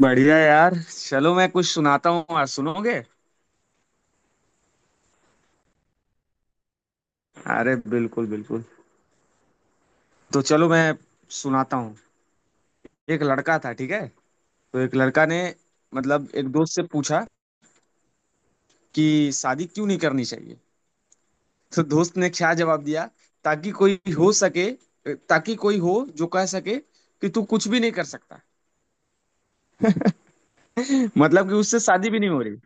बढ़िया यार। चलो मैं कुछ सुनाता हूँ, आज सुनोगे? अरे बिल्कुल बिल्कुल। तो चलो मैं सुनाता हूँ। एक लड़का था, ठीक है। तो एक लड़का ने, मतलब, एक दोस्त से पूछा कि शादी क्यों नहीं करनी चाहिए। तो दोस्त ने क्या जवाब दिया? ताकि कोई हो सके ताकि कोई हो जो कह सके कि तू कुछ भी नहीं कर सकता। मतलब कि उससे शादी भी नहीं हो रही।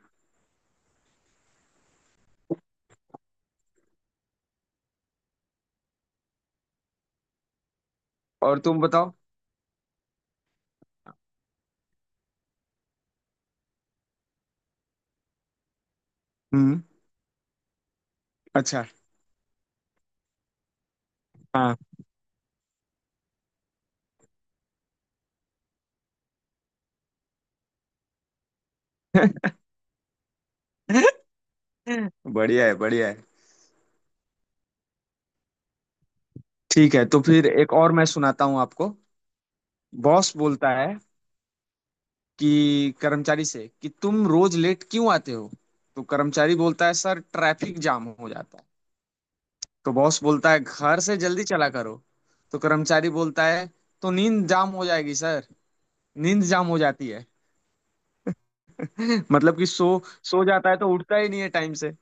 और तुम बताओ। हम्म। अच्छा। हाँ। बढ़िया है, बढ़िया है। ठीक है, तो फिर एक और मैं सुनाता हूँ आपको। बॉस बोलता है कि कर्मचारी से कि तुम रोज लेट क्यों आते हो? तो कर्मचारी बोलता है, सर ट्रैफिक जाम हो जाता है। तो बॉस बोलता है, घर से जल्दी चला करो। तो कर्मचारी बोलता है, तो नींद जाम हो जाएगी सर, नींद जाम हो जाती है। मतलब कि सो जाता है तो उठता ही नहीं है टाइम से।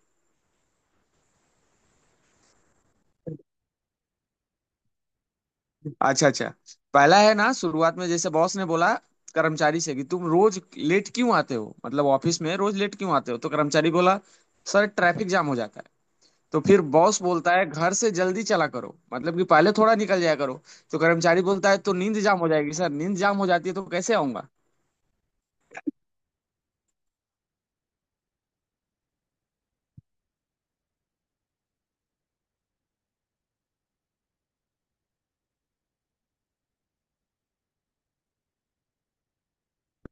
अच्छा अच्छा। पहला है ना, शुरुआत में जैसे बॉस ने बोला कर्मचारी से कि तुम रोज लेट क्यों आते हो, मतलब ऑफिस में रोज लेट क्यों आते हो। तो कर्मचारी बोला, सर ट्रैफिक जाम हो जाता है। तो फिर बॉस बोलता है, घर से जल्दी चला करो, मतलब कि पहले थोड़ा निकल जाया करो। तो कर्मचारी बोलता है, तो नींद जाम हो जाएगी सर, नींद जाम हो जाती है तो कैसे आऊंगा।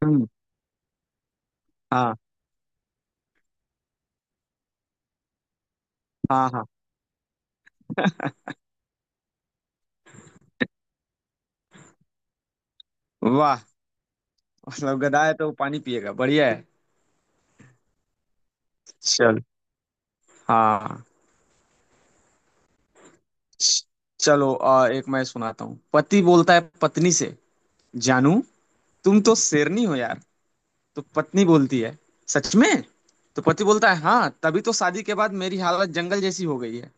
हम्म, हाँ हाँ हाँ। वाह। मतलब गधा है तो वो पानी पिएगा, बढ़िया है। चल। हाँ। चलो, एक मैं सुनाता हूँ। पति बोलता है पत्नी से, जानू तुम तो शेरनी हो यार। तो पत्नी बोलती है, सच में? तो पति बोलता है, हाँ तभी तो शादी के बाद मेरी हालत जंगल जैसी हो गई है।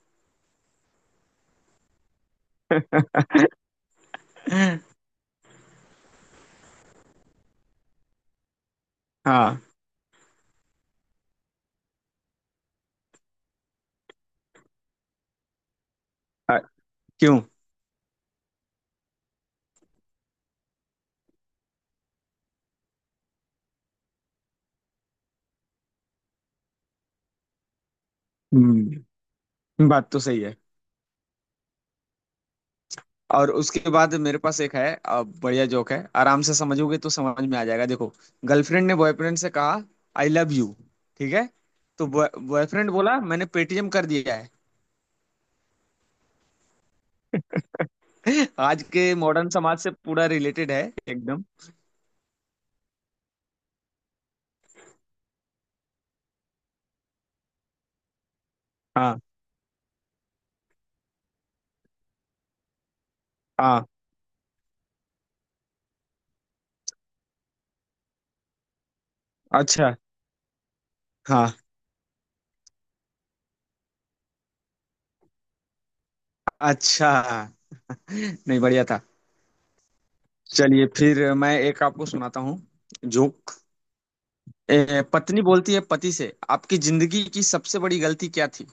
हाँ। अ, क्यों। हम्म। बात तो सही है। और उसके बाद मेरे पास एक है, बढ़िया जोक है, आराम से समझोगे तो समझ में आ जाएगा, देखो। गर्लफ्रेंड ने बॉयफ्रेंड से कहा, आई लव यू। ठीक है। तो बॉयफ्रेंड बोला, मैंने पेटीएम कर दिया है। आज के मॉडर्न समाज से पूरा रिलेटेड है, एकदम। हाँ हाँ। अच्छा। हाँ। अच्छा। नहीं बढ़िया था। चलिए फिर मैं एक आपको सुनाता हूँ, जोक। पत्नी बोलती है पति से, आपकी जिंदगी की सबसे बड़ी गलती क्या थी?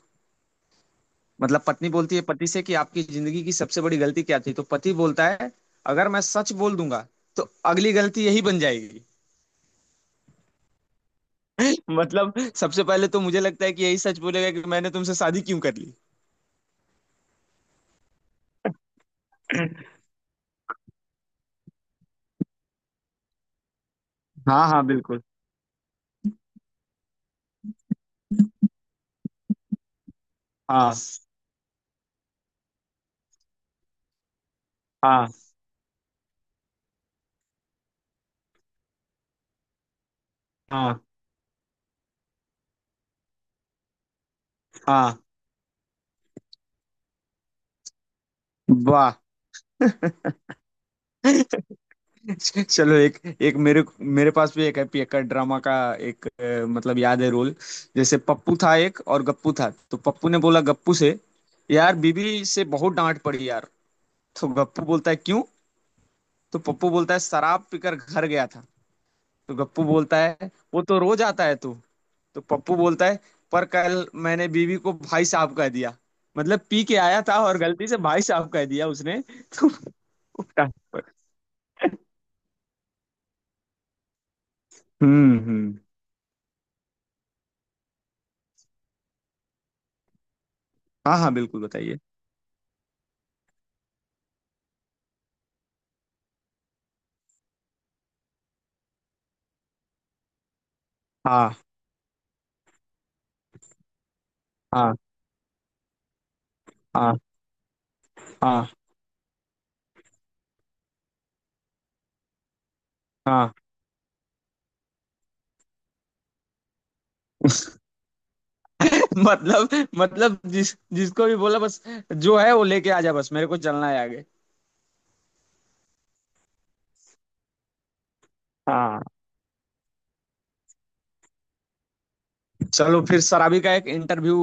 मतलब पत्नी बोलती है पति से कि आपकी जिंदगी की सबसे बड़ी गलती क्या थी? तो पति बोलता है, अगर मैं सच बोल दूंगा तो अगली गलती यही बन जाएगी। मतलब सबसे पहले तो मुझे लगता है कि यही सच बोलेगा कि मैंने तुमसे शादी क्यों कर ली। हाँ हाँ बिल्कुल। हाँ हाँ हाँ हाँ। वाह। चलो एक, मेरे मेरे पास भी एक है, एक ड्रामा का। एक मतलब याद है रोल। जैसे पप्पू था, एक और गप्पू था। तो पप्पू ने बोला गप्पू से, यार बीबी से बहुत डांट पड़ी यार। तो गप्पू बोलता है, क्यों? तो पप्पू बोलता है, शराब पीकर घर गया था। तो गप्पू बोलता है, वो तो रोज आता है तू। तो पप्पू बोलता है, पर कल मैंने बीवी को भाई साहब कह दिया। मतलब पी के आया था और गलती से भाई साहब कह दिया उसने। तो हम्म। हाँ हाँ बिल्कुल, बताइए। हाँ हाँ हाँ हाँ हाँ। मतलब जिसको भी बोला, बस जो है वो लेके आ जा, बस मेरे को चलना है आगे। हाँ। चलो, फिर सराबी का एक इंटरव्यू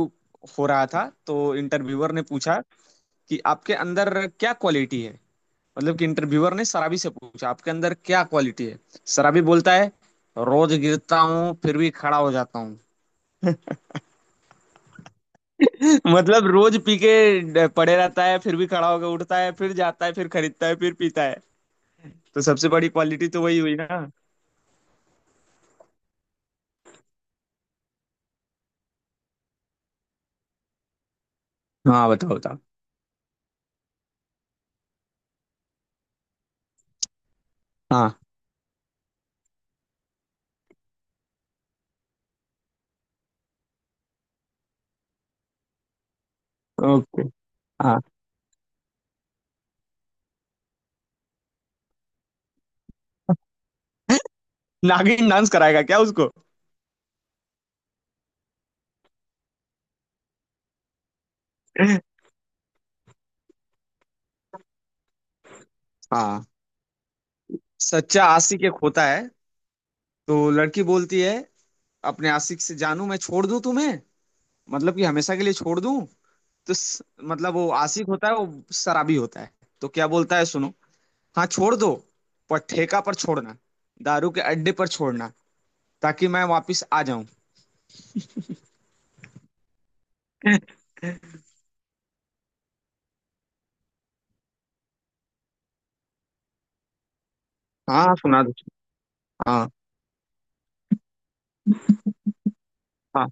हो रहा था तो इंटरव्यूअर ने पूछा कि आपके अंदर क्या क्वालिटी है। मतलब कि इंटरव्यूअर ने सराबी से पूछा, आपके अंदर क्या क्वालिटी है? सराबी बोलता है, रोज गिरता हूँ फिर भी खड़ा हो जाता हूँ। मतलब रोज पी के पड़े रहता है फिर भी खड़ा होकर उठता है, फिर जाता है, फिर खरीदता है, फिर पीता है। तो सबसे बड़ी क्वालिटी तो वही हुई ना। हाँ बताओ बताओ। हाँ। ओके। हाँ। नागिन डांस कराएगा क्या उसको? हाँ। सच्चा आशिक एक होता है। तो लड़की बोलती है अपने आशिक से, जानू मैं छोड़ दूं तुम्हें, मतलब कि हमेशा के लिए छोड़ दूं। तो मतलब वो आशिक होता है, वो शराबी होता है। तो क्या बोलता है, सुनो। हाँ छोड़ दो, पर ठेका पर छोड़ना, दारू के अड्डे पर छोड़ना, ताकि मैं वापस आ जाऊं। हाँ सुना दो। हाँ हाँ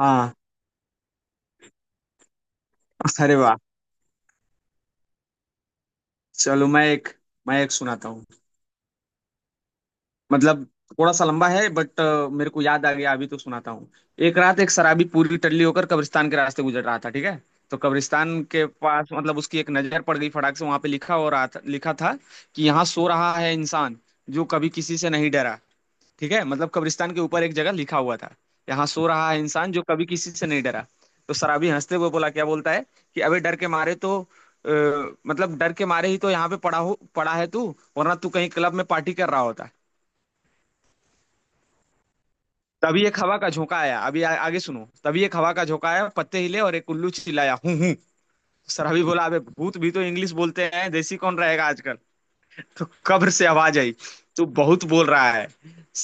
हाँ। अरे वाह। चलो मैं एक सुनाता हूँ, मतलब थोड़ा सा लंबा है बट मेरे को याद आ गया अभी तो सुनाता हूँ। एक रात एक शराबी पूरी टल्ली होकर कब्रिस्तान के रास्ते गुजर रहा था, ठीक है। तो कब्रिस्तान के पास मतलब उसकी एक नजर पड़ गई फटाक से, वहां पे लिखा हो रहा था, लिखा था कि यहाँ सो रहा है इंसान जो कभी किसी से नहीं डरा। ठीक है, मतलब कब्रिस्तान के ऊपर एक जगह लिखा हुआ था, यहाँ सो रहा है इंसान जो कभी किसी से नहीं डरा। तो शराबी हंसते हुए बोला, क्या बोलता है कि अबे डर के मारे तो मतलब डर के मारे ही तो यहाँ पे पड़ा है तू, वरना तू कहीं क्लब में पार्टी कर रहा होता। तभी एक हवा का झोंका आया, अभी आगे सुनो, तभी एक हवा का झोंका आया, पत्ते हिले और एक उल्लू चिल्लाया, हूं हूं। सराबी बोला, अबे भूत भी तो इंग्लिश बोलते हैं, देसी कौन रहेगा आजकल। तो कब्र से आवाज आई, तू बहुत बोल रहा है।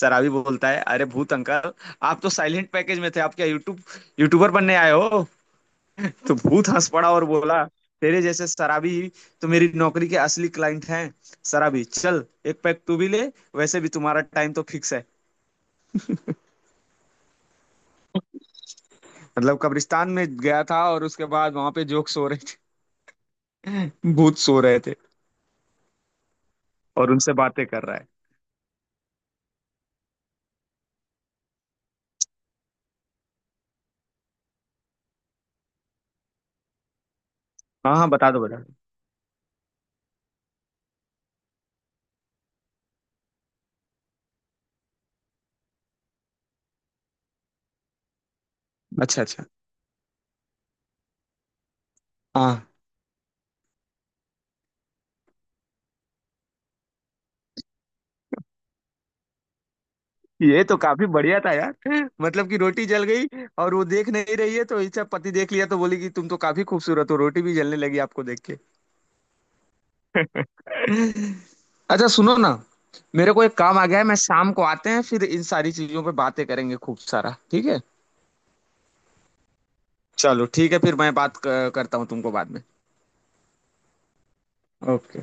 सराबी बोलता है, अरे भूत अंकल आप तो साइलेंट पैकेज में थे, आप क्या यूट्यूबर बनने आए हो? तो भूत हंस पड़ा और बोला, तेरे जैसे शराबी ही तो मेरी नौकरी के असली क्लाइंट हैं। शराबी चल एक पैक तू भी ले, वैसे भी तुम्हारा टाइम तो फिक्स है। मतलब कब्रिस्तान में गया था और उसके बाद वहां पे जोक सो रहे थे, भूत सो रहे थे और उनसे बातें कर रहा है। हाँ हाँ बता दो बता दो। अच्छा अच्छा। हाँ। ये तो काफी बढ़िया था यार, मतलब कि रोटी जल गई और वो देख नहीं रही है तो इसका पति देख लिया तो बोली कि तुम तो काफी खूबसूरत हो, रोटी भी जलने लगी आपको देख के। अच्छा सुनो ना, मेरे को एक काम आ गया है, मैं शाम को आते हैं फिर इन सारी चीजों पे बातें करेंगे खूब सारा, ठीक है। चलो ठीक है फिर, मैं बात करता हूँ तुमको बाद में। ओके।